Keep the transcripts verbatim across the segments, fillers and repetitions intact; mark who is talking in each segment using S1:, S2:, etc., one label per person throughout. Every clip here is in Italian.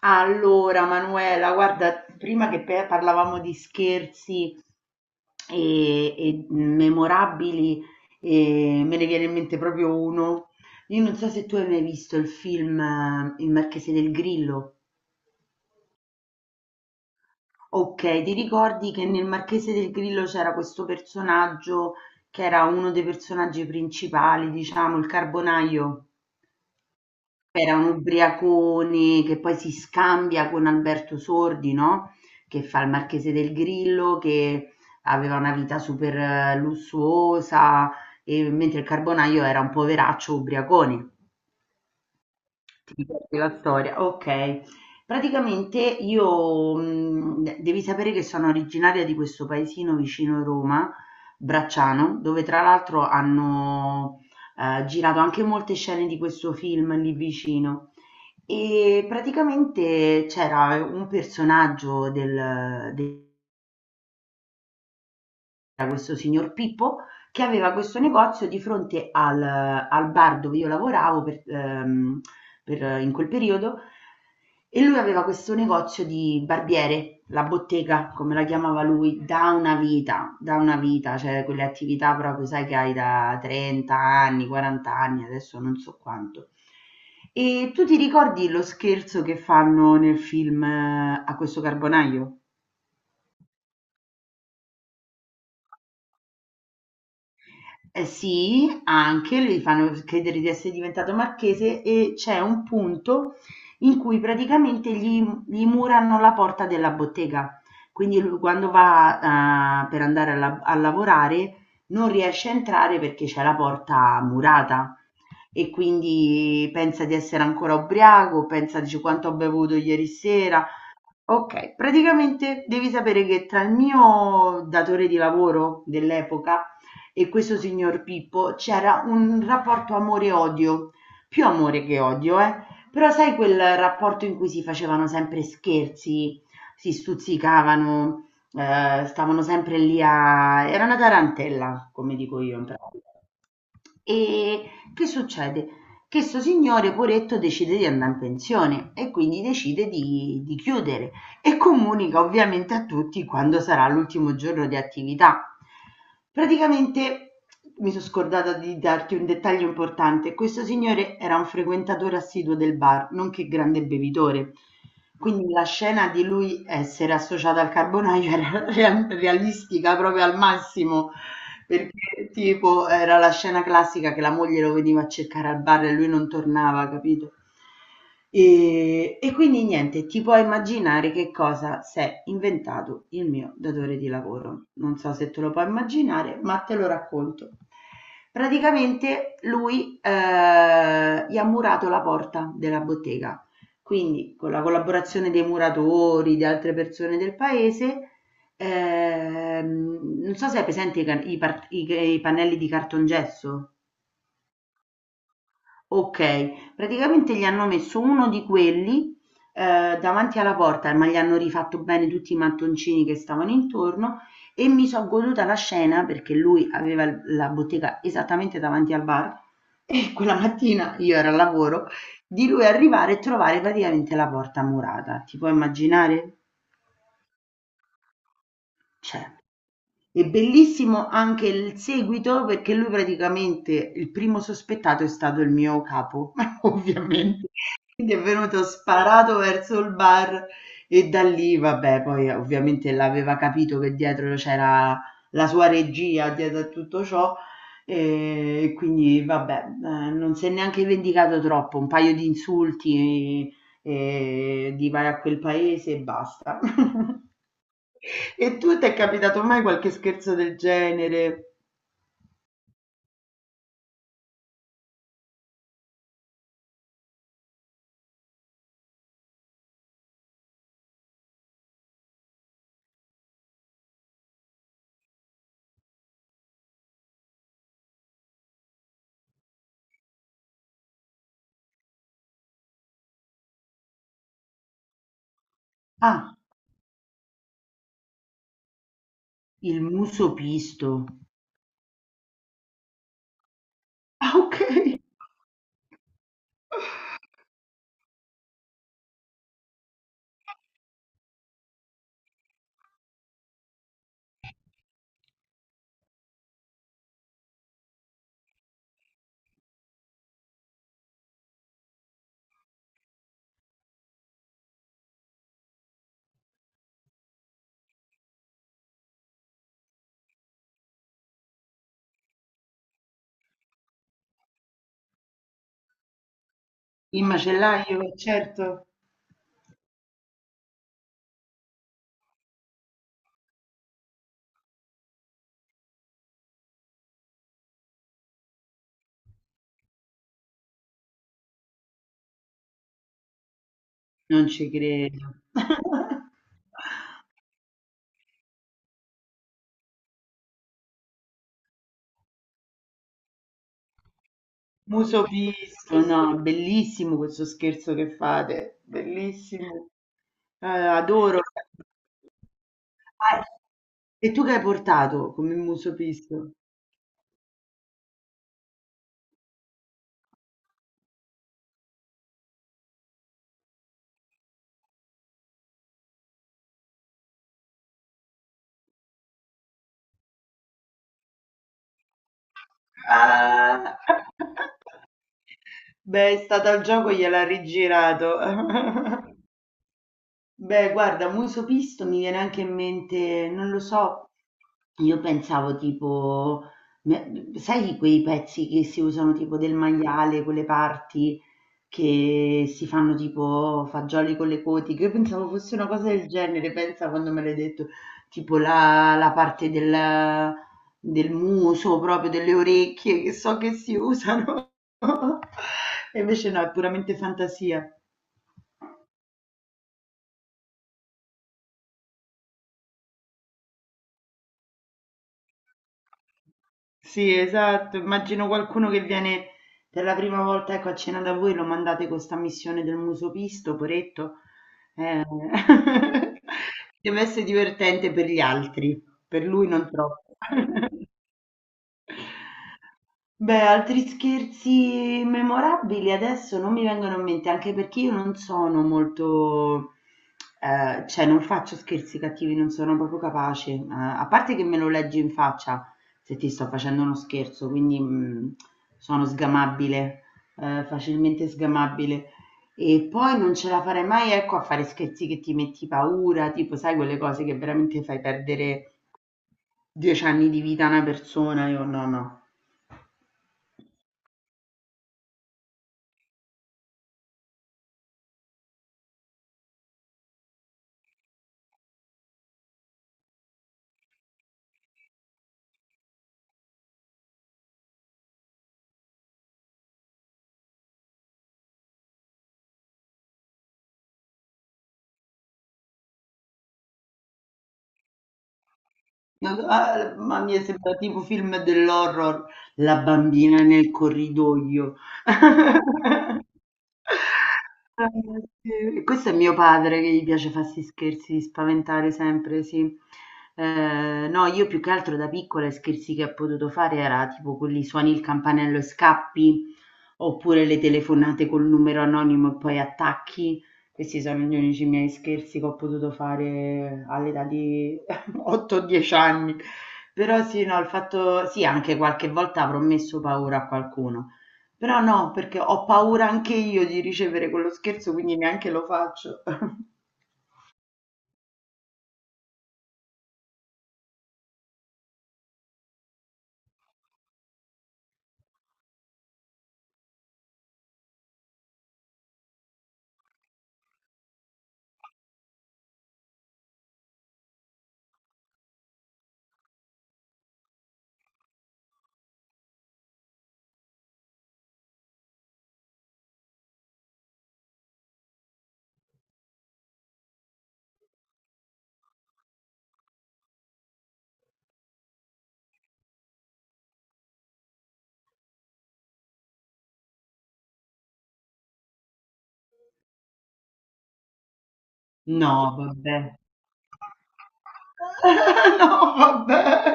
S1: Allora, Manuela, guarda, prima che pe- parlavamo di scherzi e, e memorabili, e me ne viene in mente proprio uno. Io non so se tu hai mai visto il film eh, Il Marchese del Grillo. Ok, ti ricordi che nel Marchese del Grillo c'era questo personaggio che era uno dei personaggi principali, diciamo, il carbonaio? Era un ubriacone che poi si scambia con Alberto Sordi, no, che fa il Marchese del Grillo, che aveva una vita super eh, lussuosa, e mentre il Carbonaio era un poveraccio ubriacone. Ti ricordi la storia? Ok. Praticamente io, mh, devi sapere che sono originaria di questo paesino vicino Roma, Bracciano, dove tra l'altro hanno eh, girato anche molte scene di questo film lì vicino. E praticamente c'era un personaggio. Del, del C'era questo signor Pippo che aveva questo negozio di fronte al, al bar dove io lavoravo per, ehm, per- in quel periodo e lui aveva questo negozio di barbiere, la bottega, come la chiamava lui, da una vita, da una vita, cioè quelle attività proprio, sai, che hai da trenta anni, quaranta anni, adesso non so quanto. E tu ti ricordi lo scherzo che fanno nel film, eh, A questo carbonaio? Eh, sì, anche gli fanno credere di essere diventato marchese e c'è un punto in cui praticamente gli, gli murano la porta della bottega. Quindi lui quando va eh, per andare a, la- a lavorare non riesce a entrare perché c'è la porta murata e quindi pensa di essere ancora ubriaco, pensa, dice: "Quanto ho bevuto ieri sera". Okay, praticamente devi sapere che tra il mio datore di lavoro dell'epoca e questo signor Pippo c'era un rapporto amore-odio, più amore che odio, eh, però sai, quel rapporto in cui si facevano sempre scherzi, si stuzzicavano, ehm, stavano sempre lì, a era una tarantella, come dico io in pratica. E che succede? Che sto signore, poretto, decide di andare in pensione e quindi decide di, di chiudere e comunica ovviamente a tutti quando sarà l'ultimo giorno di attività. Praticamente mi sono scordata di darti un dettaglio importante. Questo signore era un frequentatore assiduo del bar, nonché grande bevitore. Quindi la scena di lui essere associato al carbonaio era real- realistica proprio al massimo, perché tipo era la scena classica, che la moglie lo veniva a cercare al bar e lui non tornava, capito? E, e quindi niente, ti puoi immaginare che cosa si è inventato il mio datore di lavoro. Non so se te lo puoi immaginare, ma te lo racconto. Praticamente lui eh, gli ha murato la porta della bottega, quindi con la collaborazione dei muratori, di altre persone del paese. Ehm, non so se hai presente i, can- i par- i- i pannelli di cartongesso. Ok, praticamente gli hanno messo uno di quelli eh, davanti alla porta, ma gli hanno rifatto bene tutti i mattoncini che stavano intorno e mi sono goduta la scena, perché lui aveva l- la bottega esattamente davanti al bar e quella mattina io ero al lavoro, di lui arrivare e trovare praticamente la porta murata. Ti puoi immaginare? Cioè. È bellissimo anche il seguito, perché lui praticamente il primo sospettato è stato il mio capo, ovviamente. Quindi è venuto sparato verso il bar e da lì, vabbè, poi ovviamente l'aveva capito che dietro c'era la sua regia, dietro a tutto ciò, e quindi vabbè, eh, non si è neanche vendicato troppo, un paio di insulti eh, di vai a quel paese e basta. E tu ti è capitato mai qualche scherzo del genere? Ah, il muso pisto. Ah, okay. Il macellaio, certo. Non ci credo. Muso pisto, no, bellissimo questo scherzo che fate, bellissimo. Eh, adoro. Ah, e tu che hai portato come muso pisto? Ah! Beh, è stato al gioco, gliel'ha rigirato. Beh, guarda, muso pisto mi viene anche in mente, non lo so, io pensavo tipo, me- sai quei pezzi che si usano tipo del maiale, quelle parti che si fanno tipo fagioli con le coti, che io pensavo fosse una cosa del genere, pensa quando me l'hai detto, tipo la, la parte del, del muso, proprio delle orecchie, che so che si usano, e invece no, è puramente fantasia. Sì, esatto. Immagino qualcuno che viene per la prima volta, ecco, a cena da voi, lo mandate con sta missione del muso pisto, poretto. Eh, deve essere divertente per gli altri, per lui non troppo. Beh, altri scherzi memorabili adesso non mi vengono in mente, anche perché io non sono molto, eh, cioè non faccio scherzi cattivi, non sono proprio capace, eh, a parte che me lo leggi in faccia se ti sto facendo uno scherzo, quindi mh, sono sgamabile, eh, facilmente sgamabile. E poi non ce la farei mai, ecco, a fare scherzi che ti metti paura, tipo, sai, quelle cose che veramente fai perdere dieci anni di vita a una persona, io no, no. Ah, ma mi è sembrato tipo film dell'horror, la bambina nel corridoio. Ah, sì. Questo è mio padre che gli piace farsi scherzi, di spaventare sempre, sì. Eh, no, io più che altro da piccola i scherzi che ho potuto fare era tipo quelli, suoni il campanello e scappi, oppure le telefonate col numero anonimo e poi attacchi. Questi sono gli unici miei scherzi che ho potuto fare all'età di otto o dieci anni, però sì, no, il fatto, sì, anche qualche volta avrò messo paura a qualcuno, però no, perché ho paura anche io di ricevere quello scherzo, quindi neanche lo faccio. No, vabbè. No, vabbè.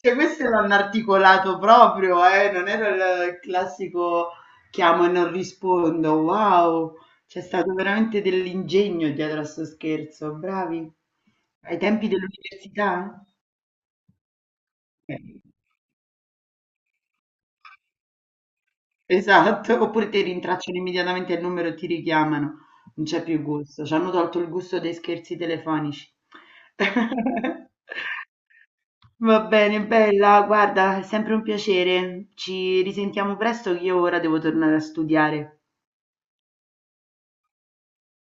S1: Cioè, questo l'hanno articolato proprio, eh, non era il classico chiamo e non rispondo. Wow, c'è stato veramente dell'ingegno dietro a sto scherzo, bravi. Ai tempi dell'università? Eh, Esatto, oppure ti rintracciano immediatamente il numero e ti richiamano. Non c'è più gusto, ci hanno tolto il gusto dei scherzi telefonici. Va bene, bella, guarda, è sempre un piacere. Ci risentiamo presto che io ora devo tornare a studiare.